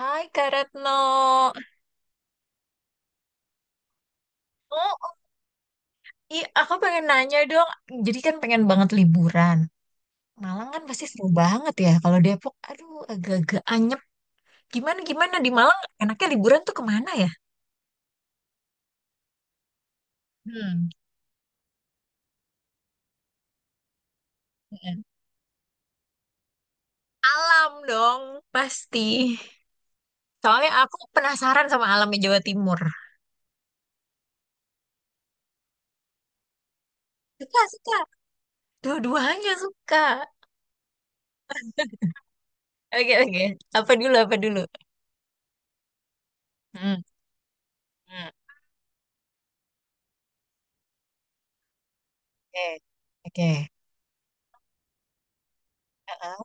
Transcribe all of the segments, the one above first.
Hai Kak Retno, oh iya aku pengen nanya dong. Jadi kan pengen banget liburan. Malang kan pasti seru banget ya. Kalau Depok, aduh agak-agak anyep. Gimana gimana di Malang enaknya liburan tuh kemana ya? Hmm. Mm. Alam dong pasti. Soalnya aku penasaran sama alamnya Jawa Timur. Suka suka. Dua-duanya suka. Oke oke. Apa dulu apa dulu? Hmm. Hmm. Oke oke. Heeh.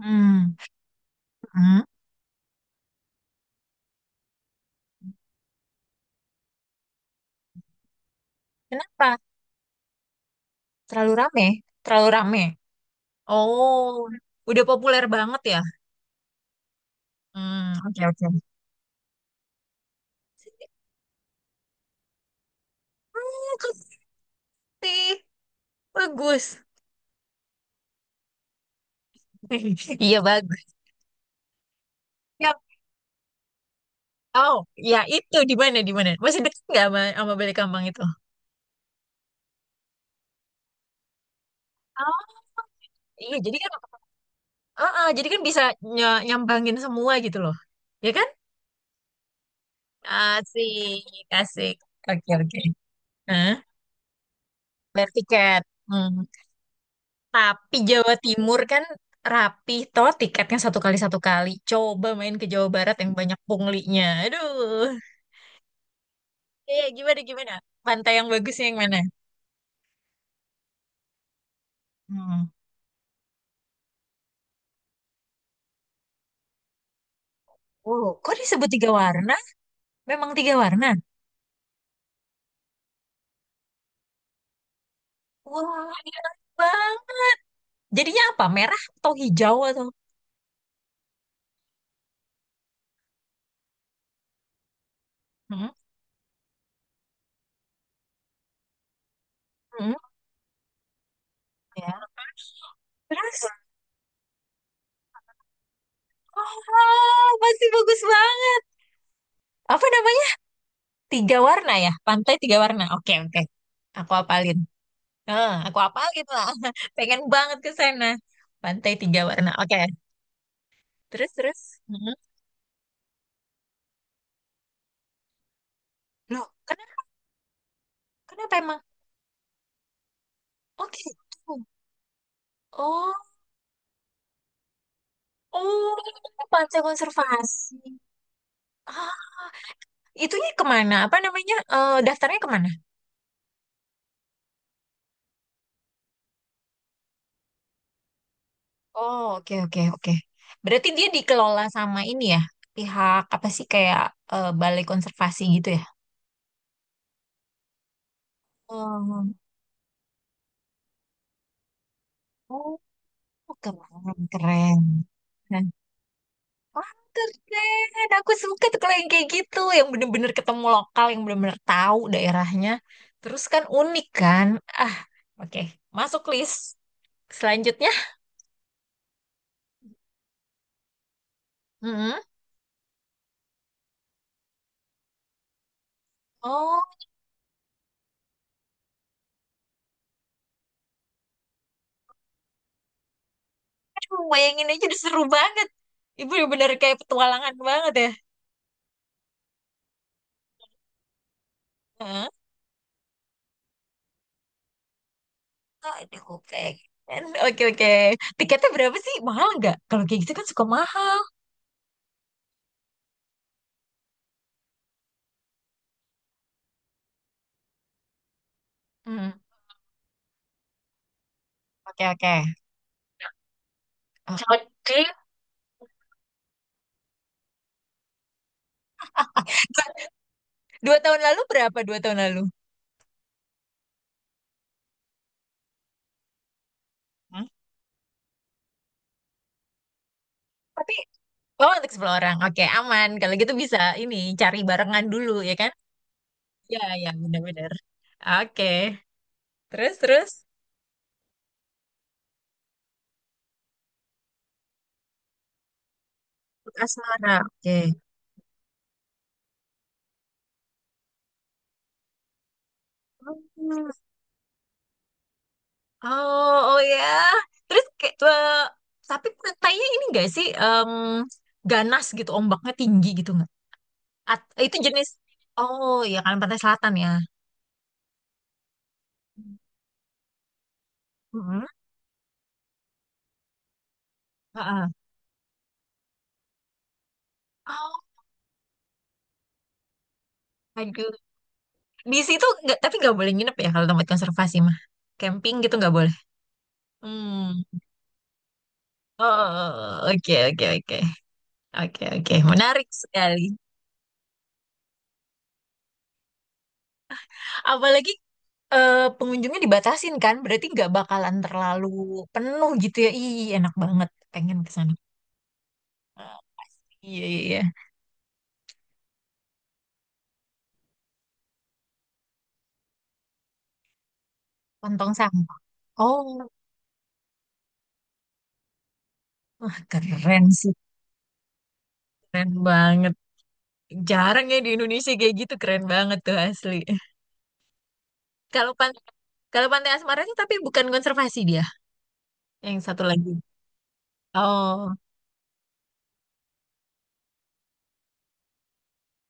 Hmm. Hmm. Kenapa? Terlalu rame, terlalu rame. Oh, udah populer banget ya? Hmm, oke oke. Bagus sih, bagus. Iya bagus. Ya, oh, ya itu di mana di mana? Masih deket nggak sama Balekambang itu? Oh, iya. Jadi kan bisa nyambangin semua gitu loh, ya kan? Asik, asik. Oke oke. Hah? Bayar tiket. Tapi Jawa Timur kan rapi toh tiketnya satu kali satu kali. Coba main ke Jawa Barat yang banyak punglinya. Aduh. Iya, iya, gimana gimana? Pantai yang bagusnya yang mana? Hmm. Oh, kok disebut tiga warna? Memang tiga warna? Wah, enak banget. Jadinya apa? Merah atau hijau atau? Hmm. Hmm. Ya. Terus, oh, masih bagus banget. Apa namanya? Tiga warna ya? Pantai tiga warna. Oke, oke. Aku apalin. Ah, aku apalin lah. Pengen banget ke sana. Pantai Tiga Warna. Oke. Terus, terus. Mhm. Loh, kenapa, kenapa emang? Oh, gitu. Oh, oh, pantai konservasi. Ah, itunya kemana? Apa namanya? Eh, daftarnya kemana? Oh, oke, oke, oke. Berarti dia dikelola sama ini ya? Pihak apa sih kayak balai konservasi gitu ya? Oh, oh, keren, keren. Wah, keren. Aku suka tuh kalau yang kayak gitu, yang bener-bener ketemu lokal, yang bener-bener tahu daerahnya. Terus kan unik kan? Ah, oke. Masuk list selanjutnya. Mm-mm. Oh, aduh, bayangin aja udah seru banget. Ibu bener-bener kayak petualangan banget ya. Heeh. Aduh, pengen. Oke, oke. Tiketnya berapa sih? Mahal nggak? Kalau kayak gitu kan suka mahal. Hmm. Oke, oke. Oh. Kalau dua, 2 tahun lalu berapa? 2 tahun lalu? Hmm? Tapi oh, untuk 10 orang. Oke, aman. Kalau gitu bisa ini cari barengan dulu ya kan? Ya, ya, benar-benar. Oke. Terus, terus. Untuk asmara. Oke. Hmm. Oh, oh ya. Terus kayak tapi pantainya ini enggak sih ganas gitu, ombaknya tinggi gitu nggak? Itu jenis. Oh, ya kan pantai selatan ya. Heeh. Heeh. Oh, aduh. Di situ nggak, tapi nggak boleh nginep ya kalau tempat konservasi mah. Camping gitu nggak boleh. Hmm. Oh, oh, oh, oh, oh. Oke, oke, oke, oke, oke, menarik sekali. Apalagi pengunjungnya dibatasin kan, berarti nggak bakalan terlalu penuh gitu ya. Ih, enak banget, pengen ke sana pasti. Iya, iya, iya. Kantong sampah. Oh, wah keren sih, keren banget. Jarang ya di Indonesia kayak gitu, keren banget tuh asli. Kalau pan, kalau Pantai Asmara itu tapi bukan konservasi dia, yang satu lagi. Oh,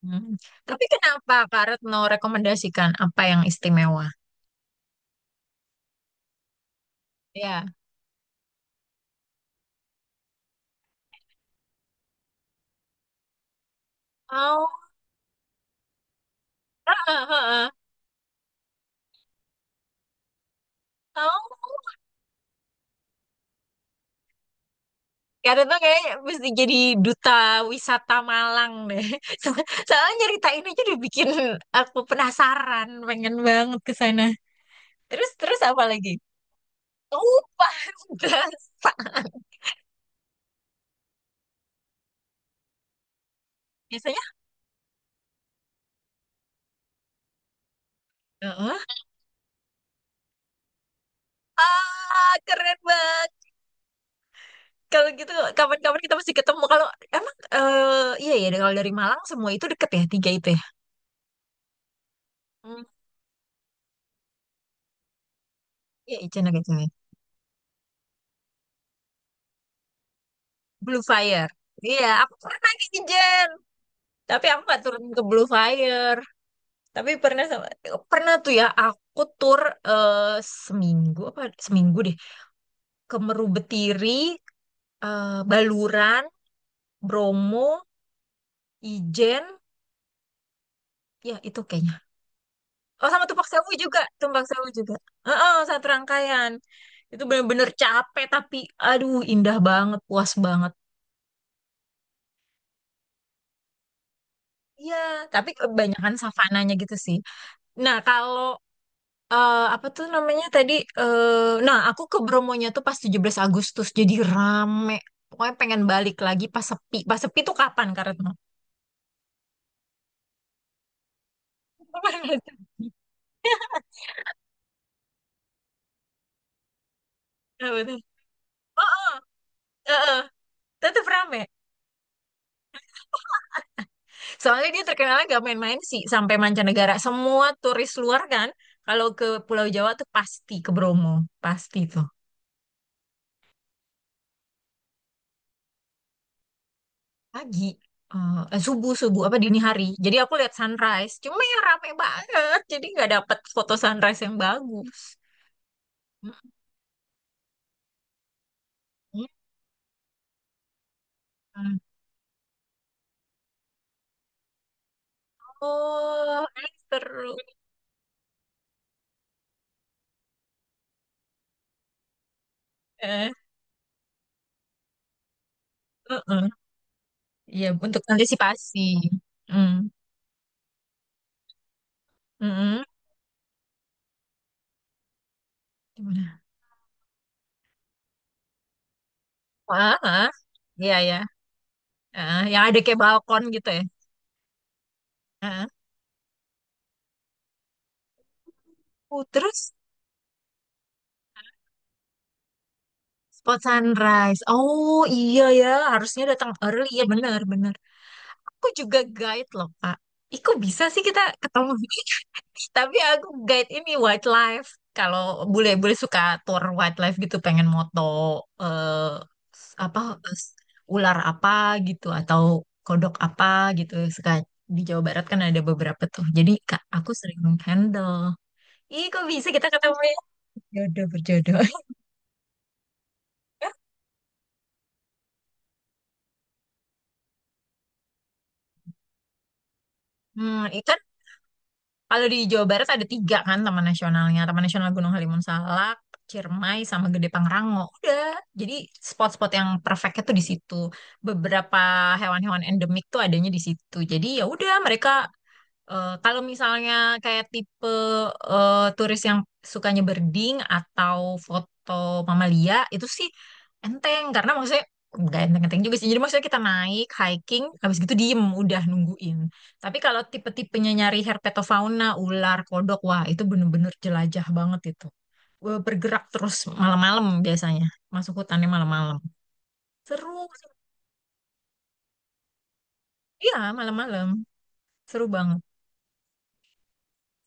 hmm. Tapi kenapa Kak Retno rekomendasikan apa yang istimewa? Ya. Mau, heeh, heeh. Mau. Karena tuh kayaknya mesti jadi duta wisata Malang deh. So- Soalnya cerita ini tuh udah bikin aku penasaran, pengen banget ke sana. Terus terus apa lagi? Tumpah berasa. Biasanya, heeh. Ah, keren banget. Kalau gitu kapan-kapan kita mesti ketemu. Kalau emang iya ya kalau dari Malang semua itu deket ya tiga itu ya. Hmm, iya, Ijen belum Blue Fire. Iya, aku pernah ke Ijen. Tapi aku nggak turun ke Blue Fire. Tapi pernah tuh ya aku tur eh, seminggu apa seminggu deh ke Meru Betiri, eh, Baluran, Bromo, Ijen, ya itu kayaknya. Oh sama Tumpak Sewu juga, Tumpak Sewu juga. Heeh, satu rangkaian. Itu bener-bener capek tapi aduh indah banget, puas banget. Iya, tapi kebanyakan savananya gitu sih. Nah, kalau apa tuh namanya tadi? Nah, aku ke Bromonya tuh pas 17 Agustus, jadi rame. Pokoknya pengen balik lagi pas sepi. Pas sepi tuh kapan, Kak Retno? Nah, betul. Oh, oh, eh, eh, tetap rame. Soalnya dia terkenalnya gak main-main sih sampai mancanegara. Semua turis luar kan, kalau ke Pulau Jawa tuh pasti ke Bromo, pasti tuh. Pagi, subuh subuh apa dini hari. Jadi aku lihat sunrise. Cuma yang rame banget, jadi nggak dapet foto sunrise yang bagus. Hmm. Oh, seru ya. Heeh. Iya, untuk antisipasi. Mm. Mm-mm. Gimana? Wah, ah. Iya, ya. Yang ada kayak balkon gitu ya. Ah. Oh, terus spot sunrise. Oh, iya ya, harusnya datang early ya, benar, benar. Aku juga guide loh, Kak. Iku bisa sih kita ketemu. Tapi aku guide ini wildlife. Kalau bule-bule suka tour wildlife gitu, pengen moto eh, apa s- ular apa gitu atau kodok apa gitu. Suka di Jawa Barat kan ada beberapa tuh. Jadi Kak, aku sering handle. Ih, kok bisa kita ketemu ya? Jodoh berjodoh. Hmm, itu. Kalau di Jawa Barat ada tiga kan taman nasionalnya. Taman Nasional Gunung Halimun Salak, Ciremai, sama Gede Pangrango. Udah. Jadi spot-spot yang perfectnya tuh di situ. Beberapa hewan-hewan endemik tuh adanya di situ. Jadi ya udah mereka. Eh, kalau misalnya kayak tipe turis yang sukanya berding atau foto mamalia itu sih enteng karena maksudnya nggak enteng-enteng juga sih. Jadi maksudnya kita naik hiking, habis gitu diem udah nungguin. Tapi kalau tipe-tipenya nyari herpetofauna, ular, kodok, wah itu bener-bener jelajah banget itu. Eh, bergerak terus malam-malam biasanya, masuk hutannya malam-malam. Seru, iya malam-malam, seru banget.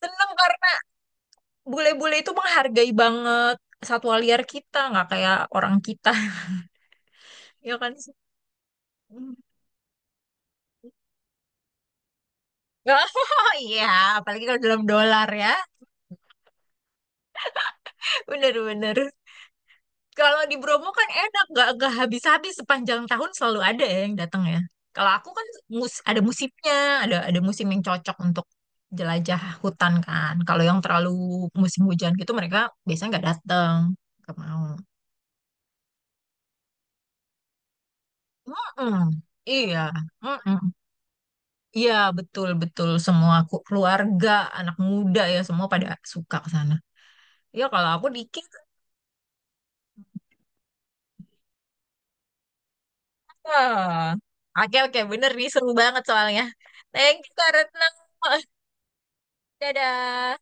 Seneng kan? Bule-bule itu menghargai banget satwa liar kita, nggak kayak orang kita, ya kan? Hmm. Oh iya, apalagi kalau dalam dolar ya. Bener-bener. Kalau di Bromo kan enak, nggak habis-habis sepanjang tahun selalu ada ya yang datang ya. Kalau aku kan ada musimnya, ada musim yang cocok untuk jelajah hutan kan. Kalau yang terlalu musim hujan gitu mereka biasanya nggak datang, nggak mau. Mm-mm. Iya. Mm-mm. Iya, betul-betul semua keluarga, anak muda ya semua pada suka ke sana. Ya kalau aku dikit. Ah. Oke, oke, bener nih seru banget soalnya. Thank you, Kak Retno. Dadah.